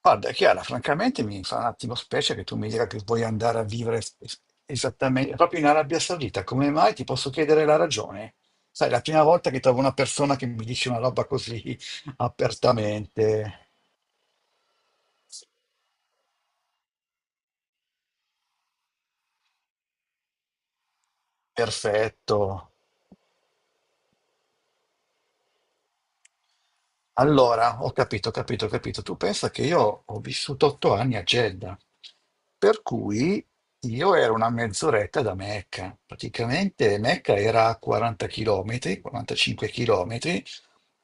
Guarda, Chiara, francamente mi fa un attimo specie che tu mi dica che vuoi andare a vivere esattamente proprio in Arabia Saudita. Come mai? Ti posso chiedere la ragione? Sai, è la prima volta che trovo una persona che mi dice una roba così apertamente. Perfetto. Allora, ho capito, ho capito, ho capito. Tu pensa che io ho vissuto 8 anni a Jeddah, per cui io ero una mezz'oretta da Mecca. Praticamente Mecca era a 40 km, 45 km,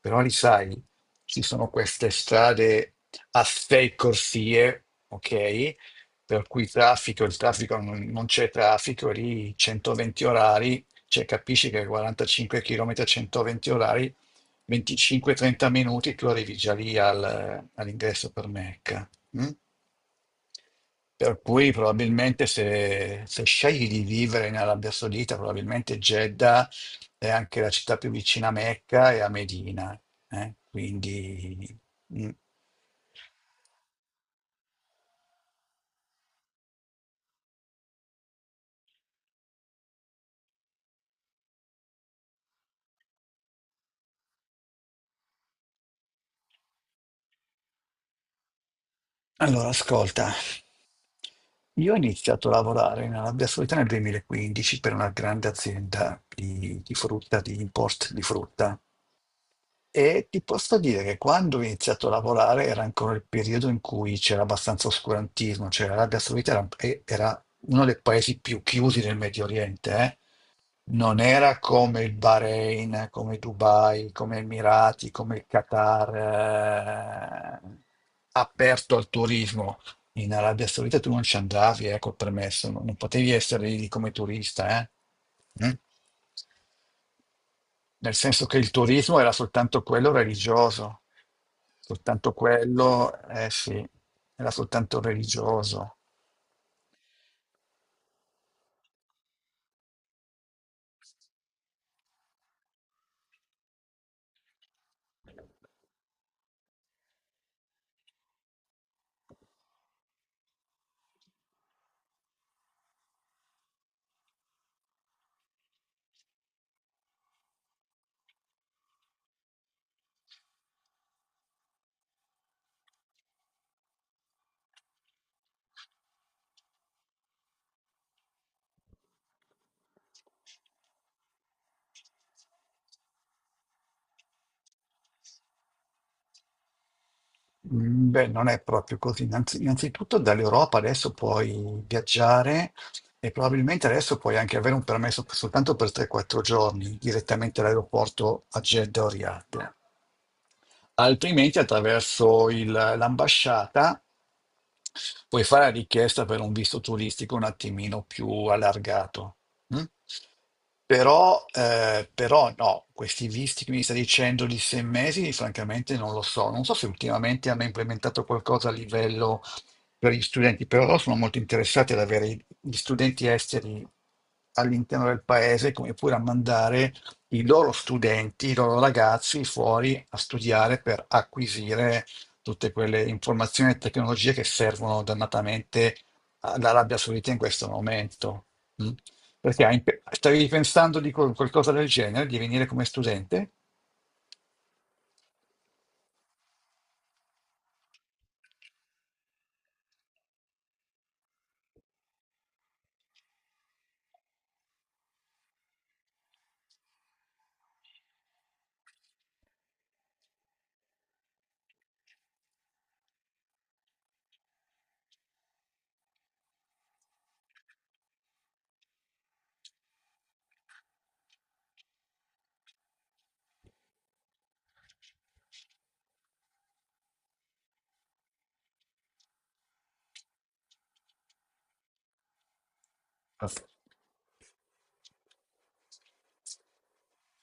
però li sai, ci sono queste strade a sei corsie, ok? Per cui il traffico non c'è traffico, lì 120 orari, cioè capisci che 45 km a 120 orari, 25-30 minuti tu arrivi già lì all'ingresso per Mecca. Mm? Per cui probabilmente se scegli di vivere in Arabia Saudita, probabilmente Jeddah è anche la città più vicina a Mecca e a Medina, eh? Quindi, mm. Allora ascolta, io ho iniziato a lavorare in Arabia Saudita nel 2015 per una grande azienda di frutta, di import di frutta. E ti posso dire che quando ho iniziato a lavorare era ancora il periodo in cui c'era abbastanza oscurantismo, cioè l'Arabia Saudita era uno dei paesi più chiusi del Medio Oriente, eh. Non era come il Bahrain, come Dubai, come Emirati, come il Qatar, aperto al turismo. In Arabia Saudita tu non ci andavi, col permesso, non potevi essere lì come turista, eh. Mm? Nel senso che il turismo era soltanto quello religioso, soltanto quello, eh sì, era soltanto religioso. Beh, non è proprio così. Innanzitutto dall'Europa adesso puoi viaggiare e probabilmente adesso puoi anche avere un permesso soltanto per 3-4 giorni direttamente all'aeroporto a Jeddah o Riyadh. Altrimenti attraverso l'ambasciata puoi fare la richiesta per un visto turistico un attimino più allargato. Mm? Però, no, questi visti che mi sta dicendo di 6 mesi, francamente non lo so. Non so se ultimamente hanno implementato qualcosa a livello per gli studenti, però loro sono molto interessati ad avere gli studenti esteri all'interno del paese, come pure a mandare i loro studenti, i loro ragazzi fuori a studiare per acquisire tutte quelle informazioni e tecnologie che servono dannatamente all'Arabia Saudita in questo momento. Mm? Perché stavi pensando di qualcosa del genere, di venire come studente?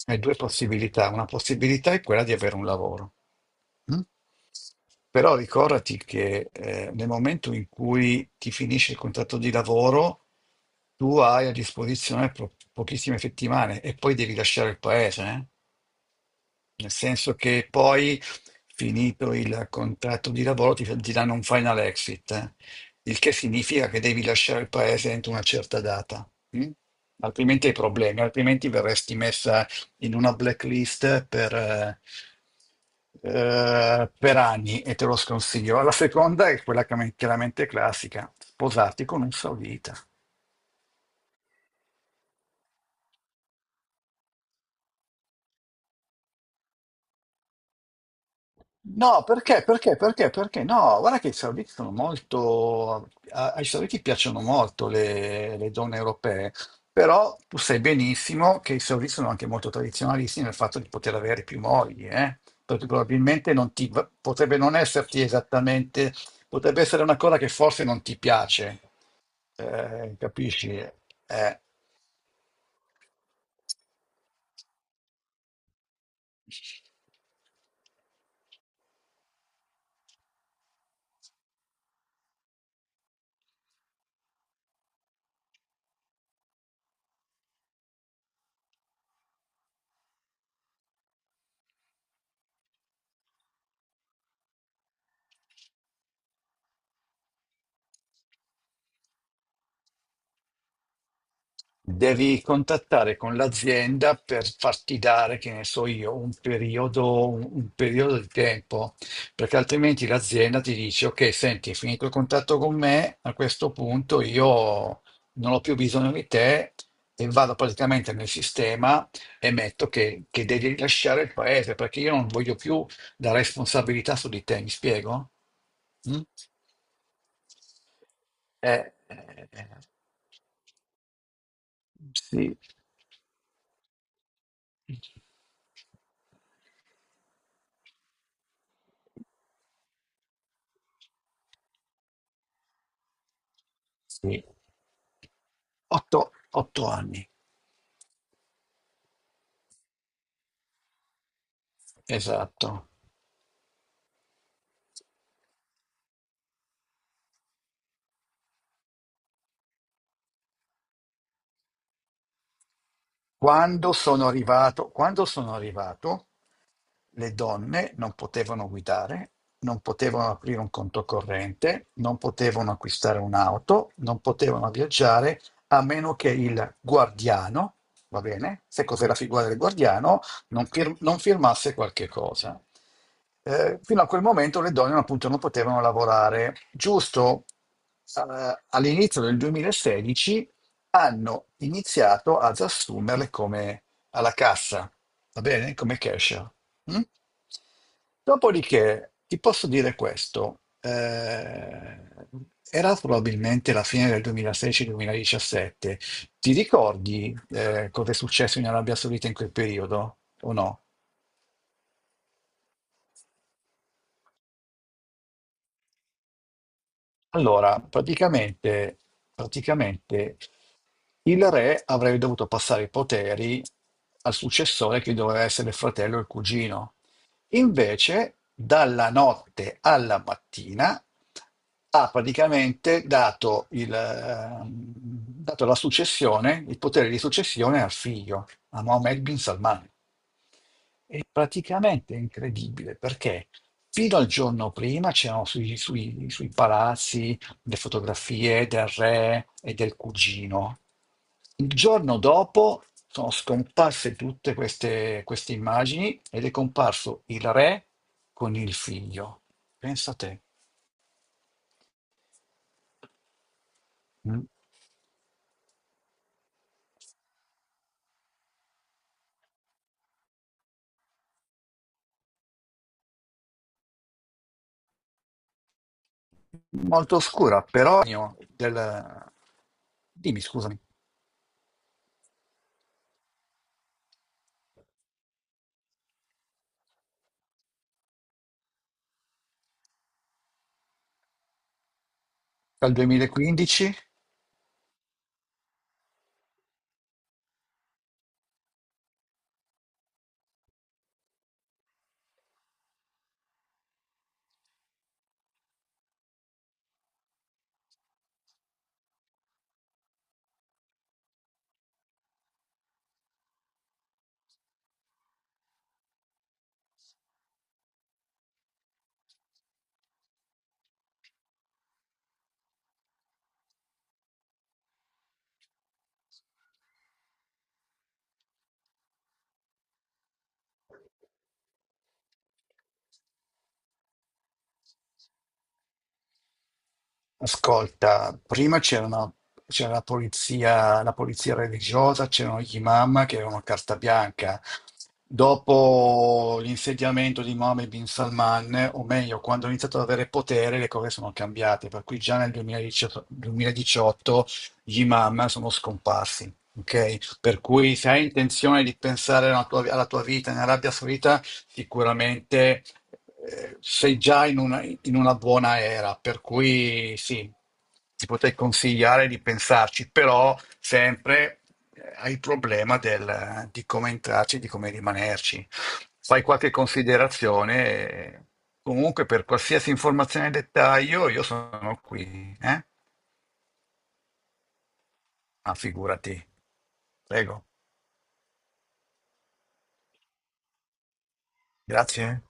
Hai due possibilità. Una possibilità è quella di avere un lavoro. Mm? Però ricordati che, nel momento in cui ti finisce il contratto di lavoro, tu hai a disposizione pochissime settimane e poi devi lasciare il paese, eh? Nel senso che poi, finito il contratto di lavoro, ti danno un final exit, il che significa che devi lasciare il paese entro una certa data. Mm? Altrimenti hai problemi, altrimenti verresti messa in una blacklist per anni e te lo sconsiglio. La seconda è quella chiaramente classica, sposarti con un saudita. No, perché? Perché? Perché? Perché? No, guarda che i servizi sono molto. Ai servizi piacciono molto le donne europee, però tu sai benissimo che i servizi sono anche molto tradizionalisti nel fatto di poter avere più mogli, eh? Perché probabilmente non ti, potrebbe non esserti esattamente, potrebbe essere una cosa che forse non ti piace, capisci? Eh. Devi contattare con l'azienda per farti dare, che ne so io, un periodo, un periodo di tempo, perché altrimenti l'azienda ti dice, ok, senti, hai finito il contatto con me, a questo punto io non ho più bisogno di te e vado praticamente nel sistema e metto che devi lasciare il paese, perché io non voglio più la responsabilità su di te, mi spiego? Mm? Eh, eh, eh, sì. Sì, otto anni, esatto. Quando sono arrivato, le donne non potevano guidare, non potevano aprire un conto corrente, non potevano acquistare un'auto, non potevano viaggiare a meno che il guardiano, va bene, se cos'è la figura del guardiano, non firmasse qualche cosa. Fino a quel momento le donne appunto non potevano lavorare. Giusto. All'inizio del 2016 hanno iniziato ad assumerle come alla cassa, va bene? Come cashier. Mm? Dopodiché ti posso dire questo, era probabilmente la fine del 2016-2017. Ti ricordi, cosa è successo in Arabia Saudita in quel periodo o no? Allora, praticamente, il re avrebbe dovuto passare i poteri al successore che doveva essere il fratello o il cugino. Invece, dalla notte alla mattina ha praticamente dato la successione, il potere di successione al figlio, a Mohammed bin Salman. Praticamente è incredibile perché fino al giorno prima c'erano sui palazzi le fotografie del re e del cugino. Il giorno dopo sono scomparse tutte queste immagini ed è comparso il re con il figlio. Pensa a te. Mm. Molto oscura, però del... Dimmi, scusami, dal 2015? Ascolta, prima c'era la polizia religiosa, c'erano gli imam che avevano carta bianca. Dopo l'insediamento di Mohammed bin Salman, o meglio, quando ha iniziato ad avere potere, le cose sono cambiate. Per cui già nel 2018, 2018 gli imam sono scomparsi. Ok? Per cui se hai intenzione di pensare alla tua vita in Arabia Saudita, sicuramente, sei già in una buona era, per cui sì, ti potrei consigliare di pensarci, però sempre hai il problema di come entrarci, di come rimanerci. Fai qualche considerazione, comunque per qualsiasi informazione e dettaglio io sono qui, eh? Ah, figurati. Prego, grazie.